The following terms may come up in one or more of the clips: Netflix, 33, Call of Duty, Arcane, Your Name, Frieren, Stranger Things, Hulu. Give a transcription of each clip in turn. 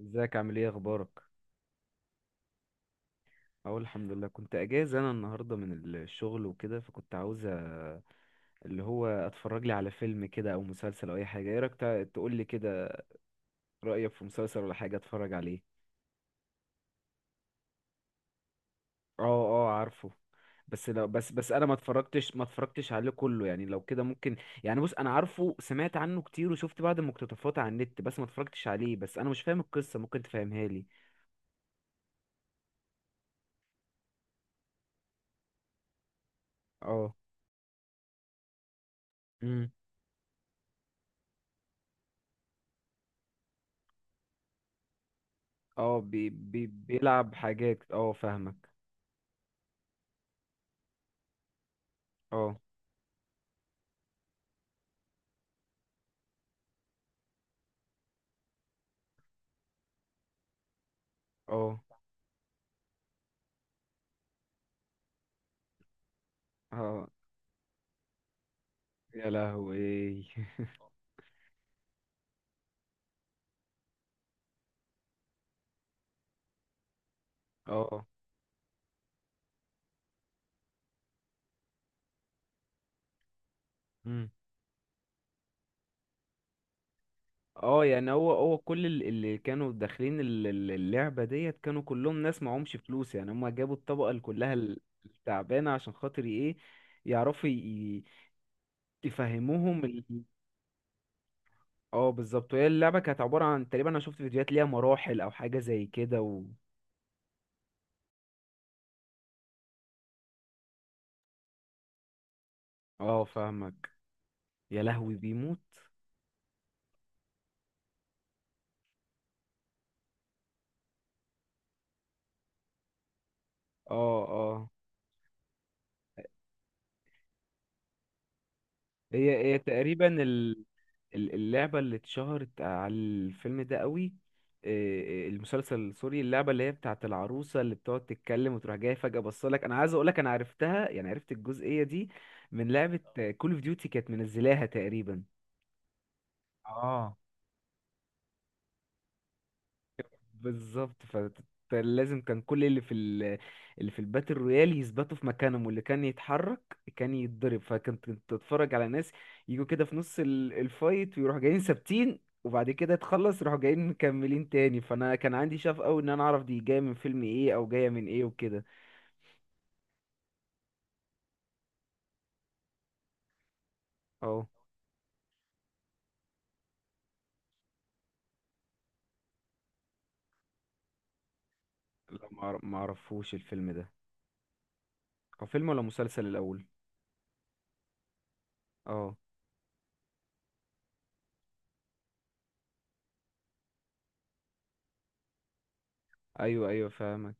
ازيك عامل ايه اخبارك؟ اهو الحمد لله. كنت اجازه انا النهارده من الشغل وكده، فكنت عاوز اللي هو اتفرج لي على فيلم كده او مسلسل او اي حاجه. ايه رايك؟ تقول لي كده، رايك في مسلسل ولا حاجه اتفرج عليه؟ اه، اه، عارفه. بس، لو بس انا ما اتفرجتش عليه كله يعني، لو كده ممكن. يعني بص، انا عارفه، سمعت عنه كتير وشفت بعض المقتطفات على النت، بس ما اتفرجتش عليه، بس انا مش فاهم القصه، ممكن تفهمها لي؟ اه. امم اه، بي بي بيلعب حاجات. اه، فاهمك. اه، اه، اه، يا لهوي. اه. مم. اه، يعني هو كل اللي كانوا داخلين اللعبة ديت كانوا كلهم ناس معهمش فلوس، يعني هما جابوا الطبقة اللي كلها التعبانة، عشان خاطر ايه؟ يعرفوا يفهموهم اه، بالظبط. وهي اللعبة كانت عبارة عن تقريبا، انا شفت فيديوهات ليها مراحل او حاجة زي كده اه، فاهمك. يا لهوي، بيموت. اه، اه، هي تقريبا اللعبة اللي اتشهرت على الفيلم ده قوي. إيه، المسلسل، سوري، اللعبة اللي هي بتاعة العروسة اللي بتقعد تتكلم وتروح جاية فجأة. بصلك، أنا عايز أقولك، أنا عرفتها، يعني عرفت الجزئية دي من لعبة كول اوف ديوتي، كانت منزلاها تقريبا. اه، بالظبط. فلازم كان كل اللي في اللي في الباتل رويال يثبتوا في مكانهم، واللي كان يتحرك كان يتضرب. فكنت كنت تتفرج على ناس يجوا كده في نص الفايت ويروحوا جايين ثابتين، وبعد كده تخلص يروحوا جايين مكملين تاني. فانا كان عندي شغف قوي ان انا اعرف دي جايه من فيلم ايه او جايه من ايه وكده. اه. لا، ما اعرفوش الفيلم ده. هو فيلم ولا مسلسل الاول؟ اه. ايوه، ايوه، فاهمك.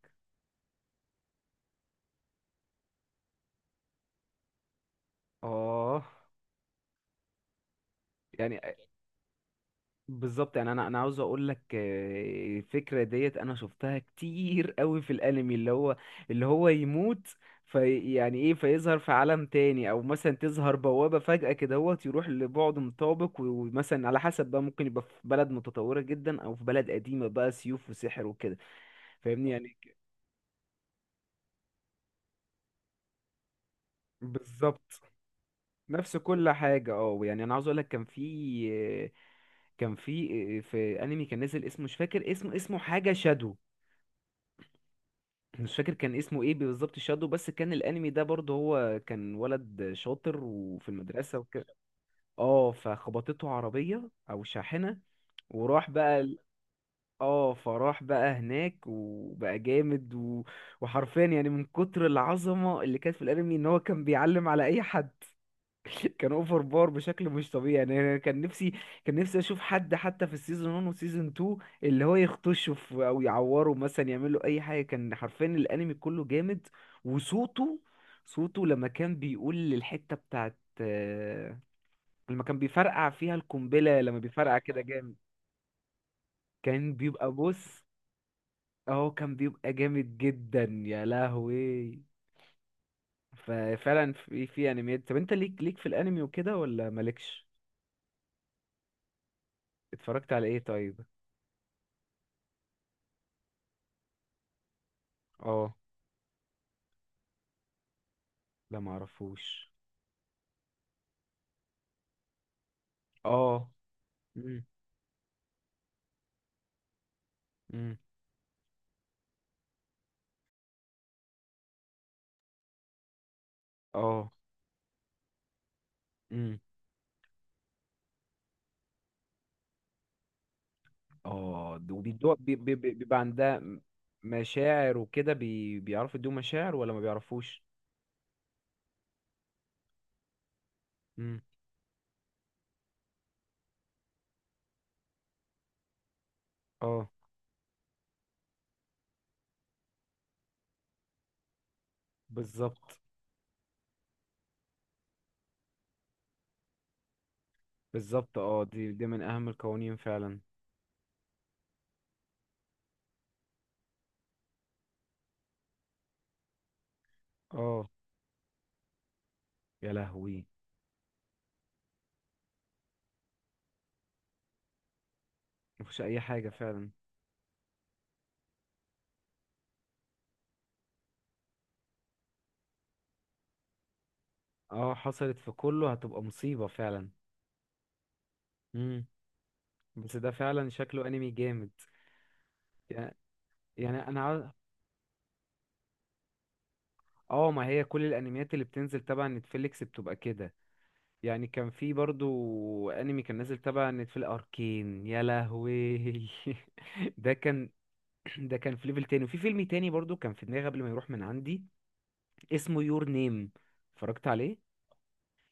اه، يعني بالظبط. يعني انا عاوز اقول لك، الفكره ديت انا شفتها كتير قوي في الانمي، اللي هو يموت في، يعني ايه، فيظهر في عالم تاني، او مثلا تظهر بوابه فجاه كده، هو يروح لبعد مطابق ومثلا على حسب بقى، ممكن يبقى في بلد متطوره جدا، او في بلد قديمه بقى سيوف وسحر وكده. فاهمني يعني. بالظبط، نفس كل حاجه. اه، يعني انا عاوز اقول لك، كان في آه، كان في آه، في انمي كان نزل، اسمه مش فاكر، اسمه حاجه شادو، مش فاكر كان اسمه ايه بالظبط، شادو. بس كان الانمي ده برضه هو كان ولد شاطر وفي المدرسه وكده. اه، فخبطته عربيه او شاحنه، وراح بقى اه، فراح بقى هناك وبقى جامد وحرفيا يعني من كتر العظمه اللي كانت في الانمي ان هو كان بيعلم على اي حد. كان اوفر بار بشكل مش طبيعي، يعني أنا كان نفسي اشوف حد حتى في السيزون 1 وسيزون 2 اللي هو يخطشه في، او يعوره مثلا، يعمل له اي حاجه. كان حرفيا الانمي كله جامد. وصوته لما كان بيقول الحته بتاعت، لما كان بيفرقع فيها القنبله، لما بيفرقع كده جامد. كان بيبقى، بص، اهو كان بيبقى جامد جدا، يا لهوي. ففعلا في انميات. طب انت ليك في الانمي وكده ولا مالكش؟ اتفرجت على ايه طيب؟ اه. لا، معرفوش. اه. مم. مم. اه. مم. اه، وبيدوها، بيبقى عندها مشاعر وكده، بيعرفوا يدوا مشاعر ولا ما بيعرفوش. مم. اه، بالظبط. بالظبط. اه، دي من اهم القوانين فعلا. اه، يا لهوي. مفيش اي حاجة فعلا. اه، حصلت في كله هتبقى مصيبة فعلا. مم. بس ده فعلا شكله انمي جامد. يعني يعني انا اه، ما هي كل الانميات اللي بتنزل تبع نتفليكس بتبقى كده. يعني كان في برضو انمي كان نازل تبع نتفليكس، اركين، يا لهوي. ده كان ده كان في ليفل تاني. وفي فيلم تاني برضو كان في دماغي قبل ما يروح من عندي، اسمه يور نيم، اتفرجت عليه.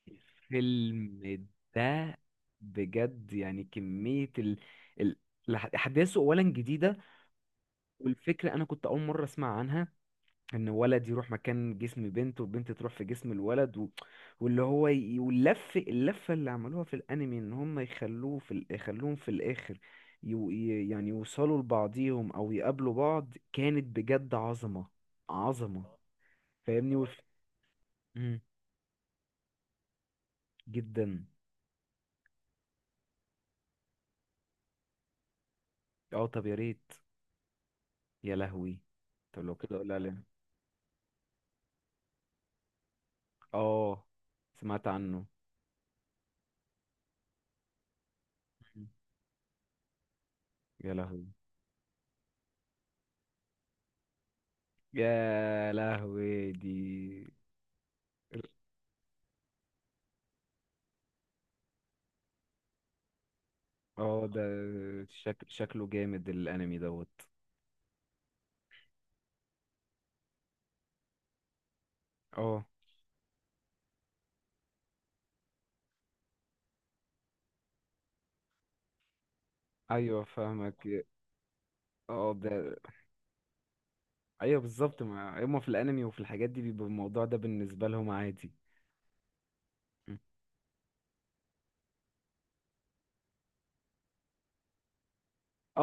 الفيلم ده بجد، يعني كمية ال... احداثه اولا جديدة، والفكرة انا كنت اول مرة اسمع عنها، ان ولد يروح مكان جسم بنت وبنت تروح في جسم الولد واللف اللفه اللي عملوها في الانمي ان هم يخلوهم في الاخر يعني يوصلوا لبعضيهم او يقابلوا بعض. كانت بجد عظمه، عظمه، فاهمني. مم. جدا. اه، طب يا ريت. يا لهوي. طب لو كده، قول عليه. اه، سمعت عنه. مم. يا لهوي، يا لهوي دي. اه، ده شكله جامد الانمي دوت. اه، ايوه، فاهمك. اه، ده. ايوه، بالظبط، ما هما في الانمي وفي الحاجات دي بيبقى الموضوع ده بالنسبه لهم عادي. م. اه،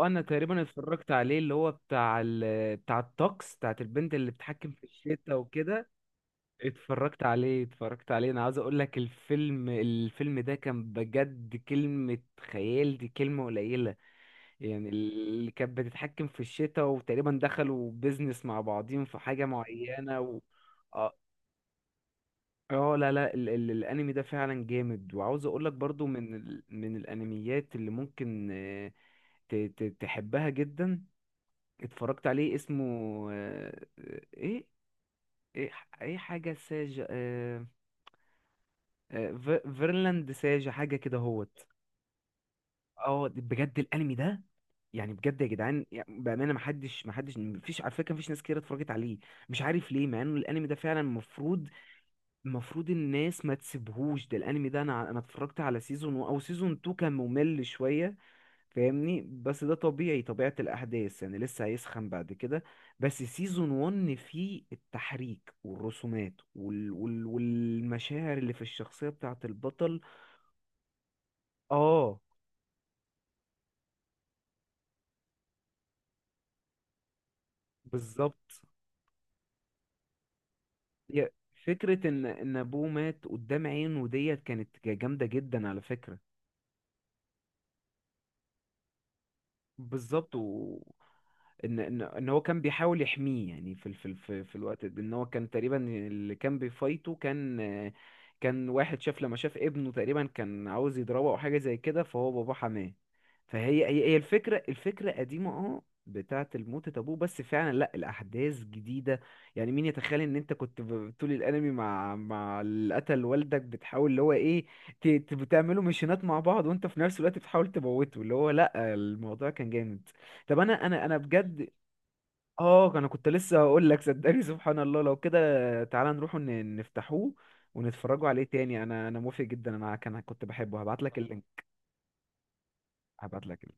اه، انا تقريبا اتفرجت عليه، اللي هو بتاع بتاع الطقس بتاعت البنت اللي بتتحكم في الشتا وكده. اتفرجت عليه، انا عايز اقول لك، الفيلم ده كان بجد كلمه خيال دي كلمه قليله، يعني اللي كانت بتتحكم في الشتاء، وتقريبا دخلوا بيزنس مع بعضين في حاجة معينة اه. لا، لا، ال ال الانمي ده فعلا جامد. وعاوز اقولك برضو من من الانميات اللي ممكن، ت ت تحبها جدا. اتفرجت عليه، اسمه آه، آه، ايه ايه ايه حاجة ساجة، فيرلاند ساجة، حاجة كده، هوت. اه، بجد الانمي ده، يعني بجد يا جدعان، يعني بامانه ما حدش، ما فيش على فكره، ما فيش ناس كتير اتفرجت عليه. مش عارف ليه، مع انه الانمي ده فعلا المفروض الناس ما تسيبهوش. ده الانمي ده انا اتفرجت على سيزون او سيزون 2، كان ممل شويه، فاهمني، بس ده طبيعي، طبيعه الاحداث، يعني لسه هيسخن بعد كده. بس سيزون 1 فيه التحريك والرسومات والمشاعر اللي في الشخصيه بتاعه البطل. اه، بالظبط. هي فكرة ان ابوه مات قدام عينه ديت كانت جامدة جدا على فكرة. بالظبط ان هو كان بيحاول يحميه يعني في الوقت ده، ان هو كان تقريبا اللي كان بيفايته كان واحد شاف، لما شاف ابنه تقريبا كان عاوز يضربه او حاجه زي كده، فهو باباه حماه. فهي هي هي الفكره قديمه، اه، بتاعه الموتة ابوه، بس فعلا لا الاحداث جديده. يعني مين يتخيل ان انت كنت طول الانمي مع اللي قتل والدك بتحاول اللي هو ايه، بتعملوا ميشنات مع بعض وانت في نفس الوقت بتحاول تموته، اللي هو لا. الموضوع كان جامد. طب انا بجد. اه، انا كنت لسه هقول لك صدقني، سبحان الله. لو كده، تعالى نروح نفتحوه ونتفرجوا عليه تاني. انا موافق جدا، انا كنت بحبه، هبعت لك اللينك. هبعت لك.